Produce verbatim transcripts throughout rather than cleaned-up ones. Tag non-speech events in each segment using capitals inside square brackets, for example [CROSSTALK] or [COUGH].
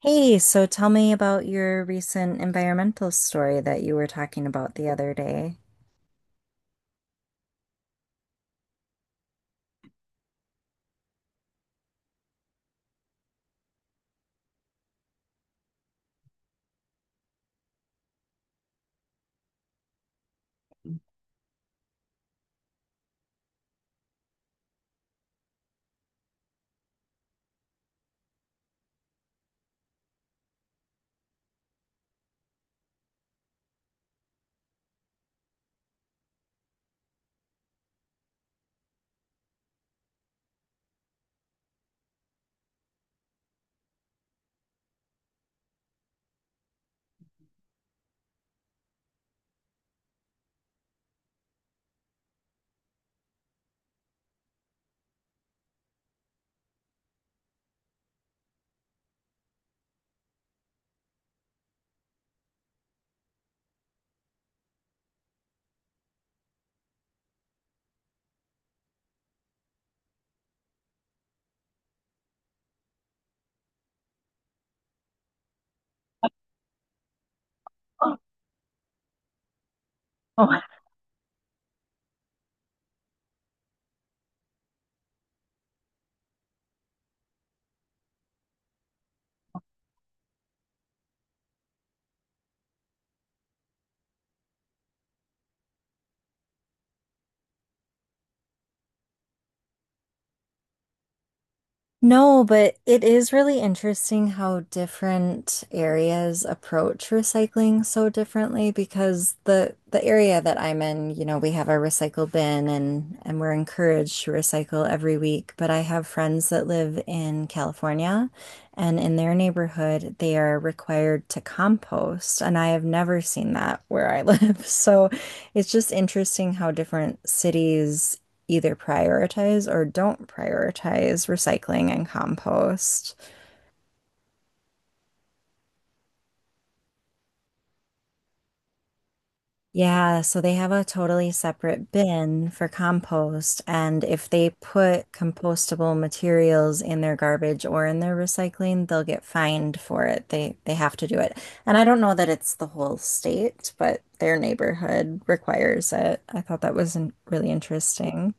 Hey, so tell me about your recent environmental story that you were talking about the other day. No, but it is really interesting how different areas approach recycling so differently because the the area that I'm in, you know, we have our recycle bin, and and we're encouraged to recycle every week, but I have friends that live in California and in their neighborhood they are required to compost and I have never seen that where I live. [LAUGHS] So it's just interesting how different cities either prioritize or don't prioritize recycling and compost. Yeah, so they have a totally separate bin for compost. And if they put compostable materials in their garbage or in their recycling, they'll get fined for it. They they have to do it. And I don't know that it's the whole state, but their neighborhood requires it. I thought that was in- really interesting.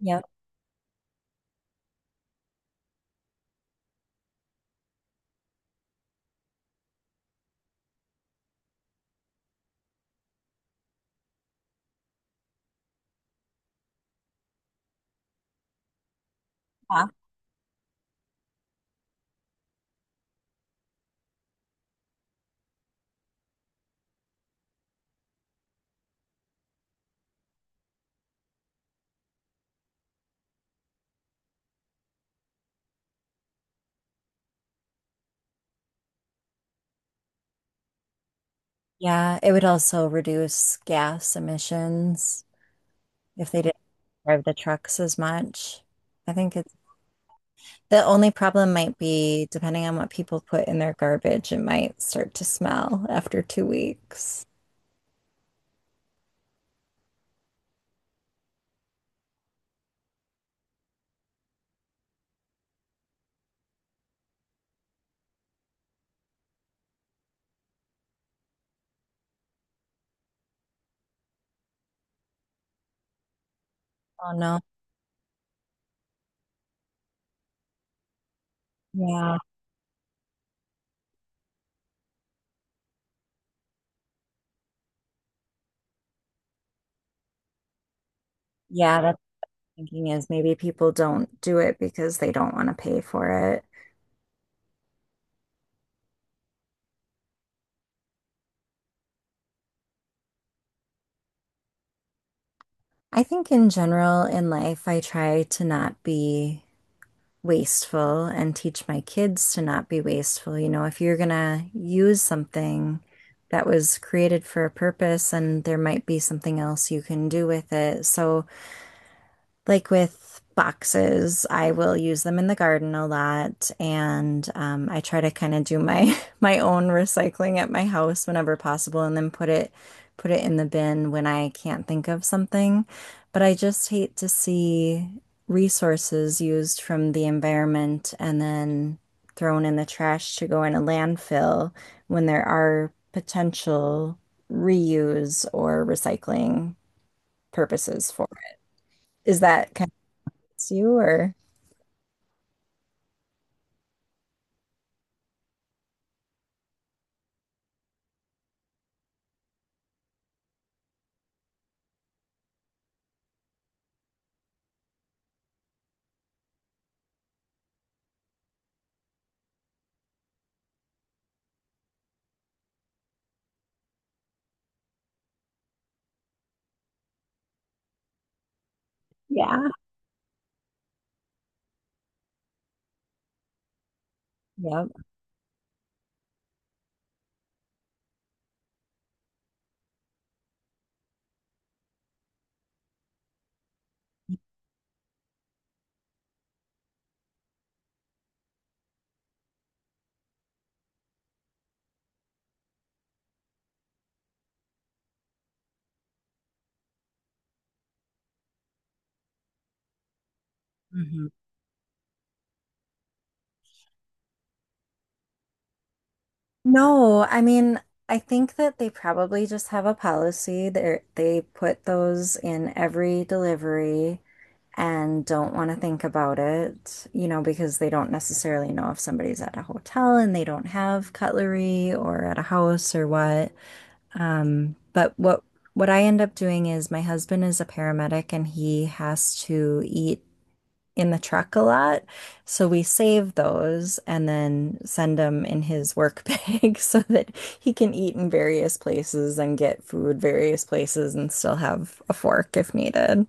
Yep. Yeah, yeah, it would also reduce gas emissions if they didn't drive the trucks as much. I think it's the only problem might be, depending on what people put in their garbage, it might start to smell after two weeks. Oh no. Yeah. Yeah, that's what I'm thinking is maybe people don't do it because they don't want to pay for it. I think in general in life, I try to not be wasteful and teach my kids to not be wasteful. You know, if you're gonna use something that was created for a purpose, and there might be something else you can do with it. So like with boxes, I will use them in the garden a lot, and um, I try to kind of do my [LAUGHS] my own recycling at my house whenever possible, and then put it put it in the bin when I can't think of something. But I just hate to see resources used from the environment and then thrown in the trash to go in a landfill when there are potential reuse or recycling purposes for it. Is that kind it's you or? Yeah. Yep. Mhm. No, I mean, I think that they probably just have a policy that they put those in every delivery and don't want to think about it, you know, because they don't necessarily know if somebody's at a hotel and they don't have cutlery or at a house or what. Um, but what what I end up doing is my husband is a paramedic and he has to eat in the truck a lot. So we save those and then send them in his work bag [LAUGHS] so that he can eat in various places and get food various places and still have a fork if needed.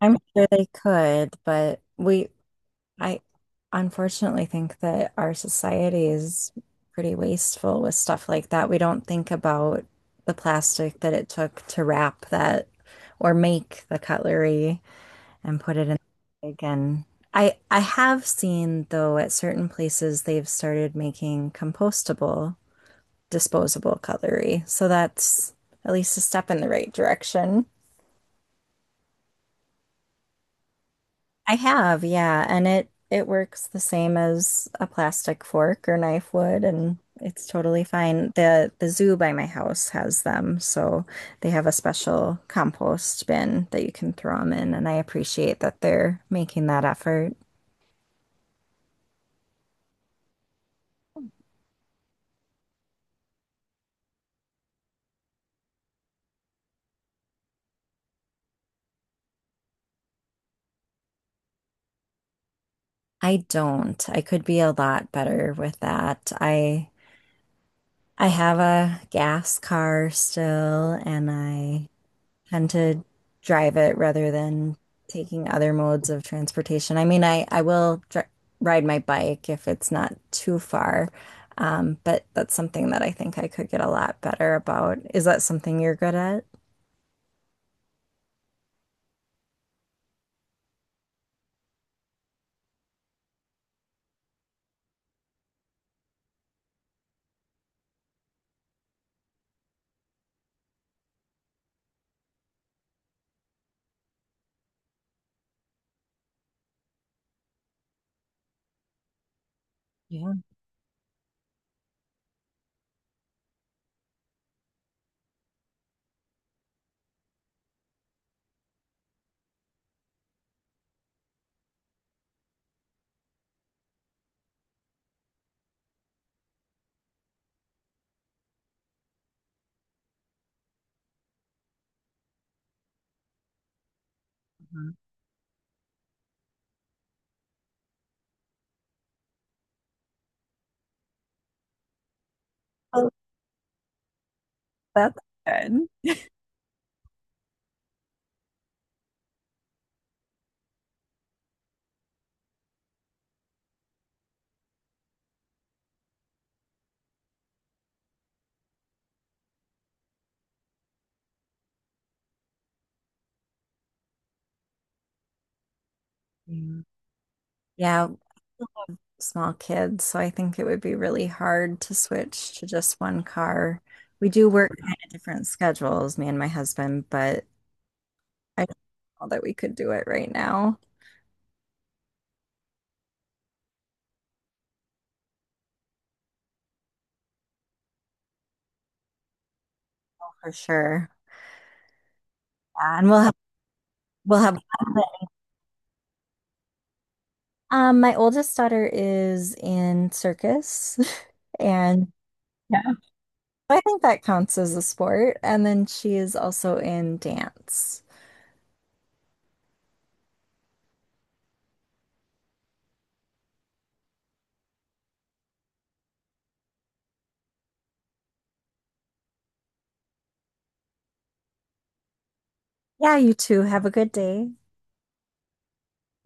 I'm sure they could, but we, I unfortunately think that our society is pretty wasteful with stuff like that. We don't think about the plastic that it took to wrap that or make the cutlery and put it in again. I I have seen though at certain places they've started making compostable, disposable cutlery. So that's at least a step in the right direction. I have, yeah, and it it works the same as a plastic fork or knife would and it's totally fine. The the zoo by my house has them, so they have a special compost bin that you can throw them in and I appreciate that they're making that effort. I don't. I could be a lot better with that. I I have a gas car still, and I tend to drive it rather than taking other modes of transportation. I mean, I I will dri ride my bike if it's not too far, um, but that's something that I think I could get a lot better about. Is that something you're good at? Yeah. Mhm. Oh, that's good. Yeah. Yeah. Small kids, so I think it would be really hard to switch to just one car. We do work kind of different schedules, me and my husband, but I don't know that we could do it right now, for sure. Yeah, and we'll have we'll have um my oldest daughter is in circus [LAUGHS] and yeah. I think that counts as a sport. And then she is also in dance. Yeah, you two have a good day.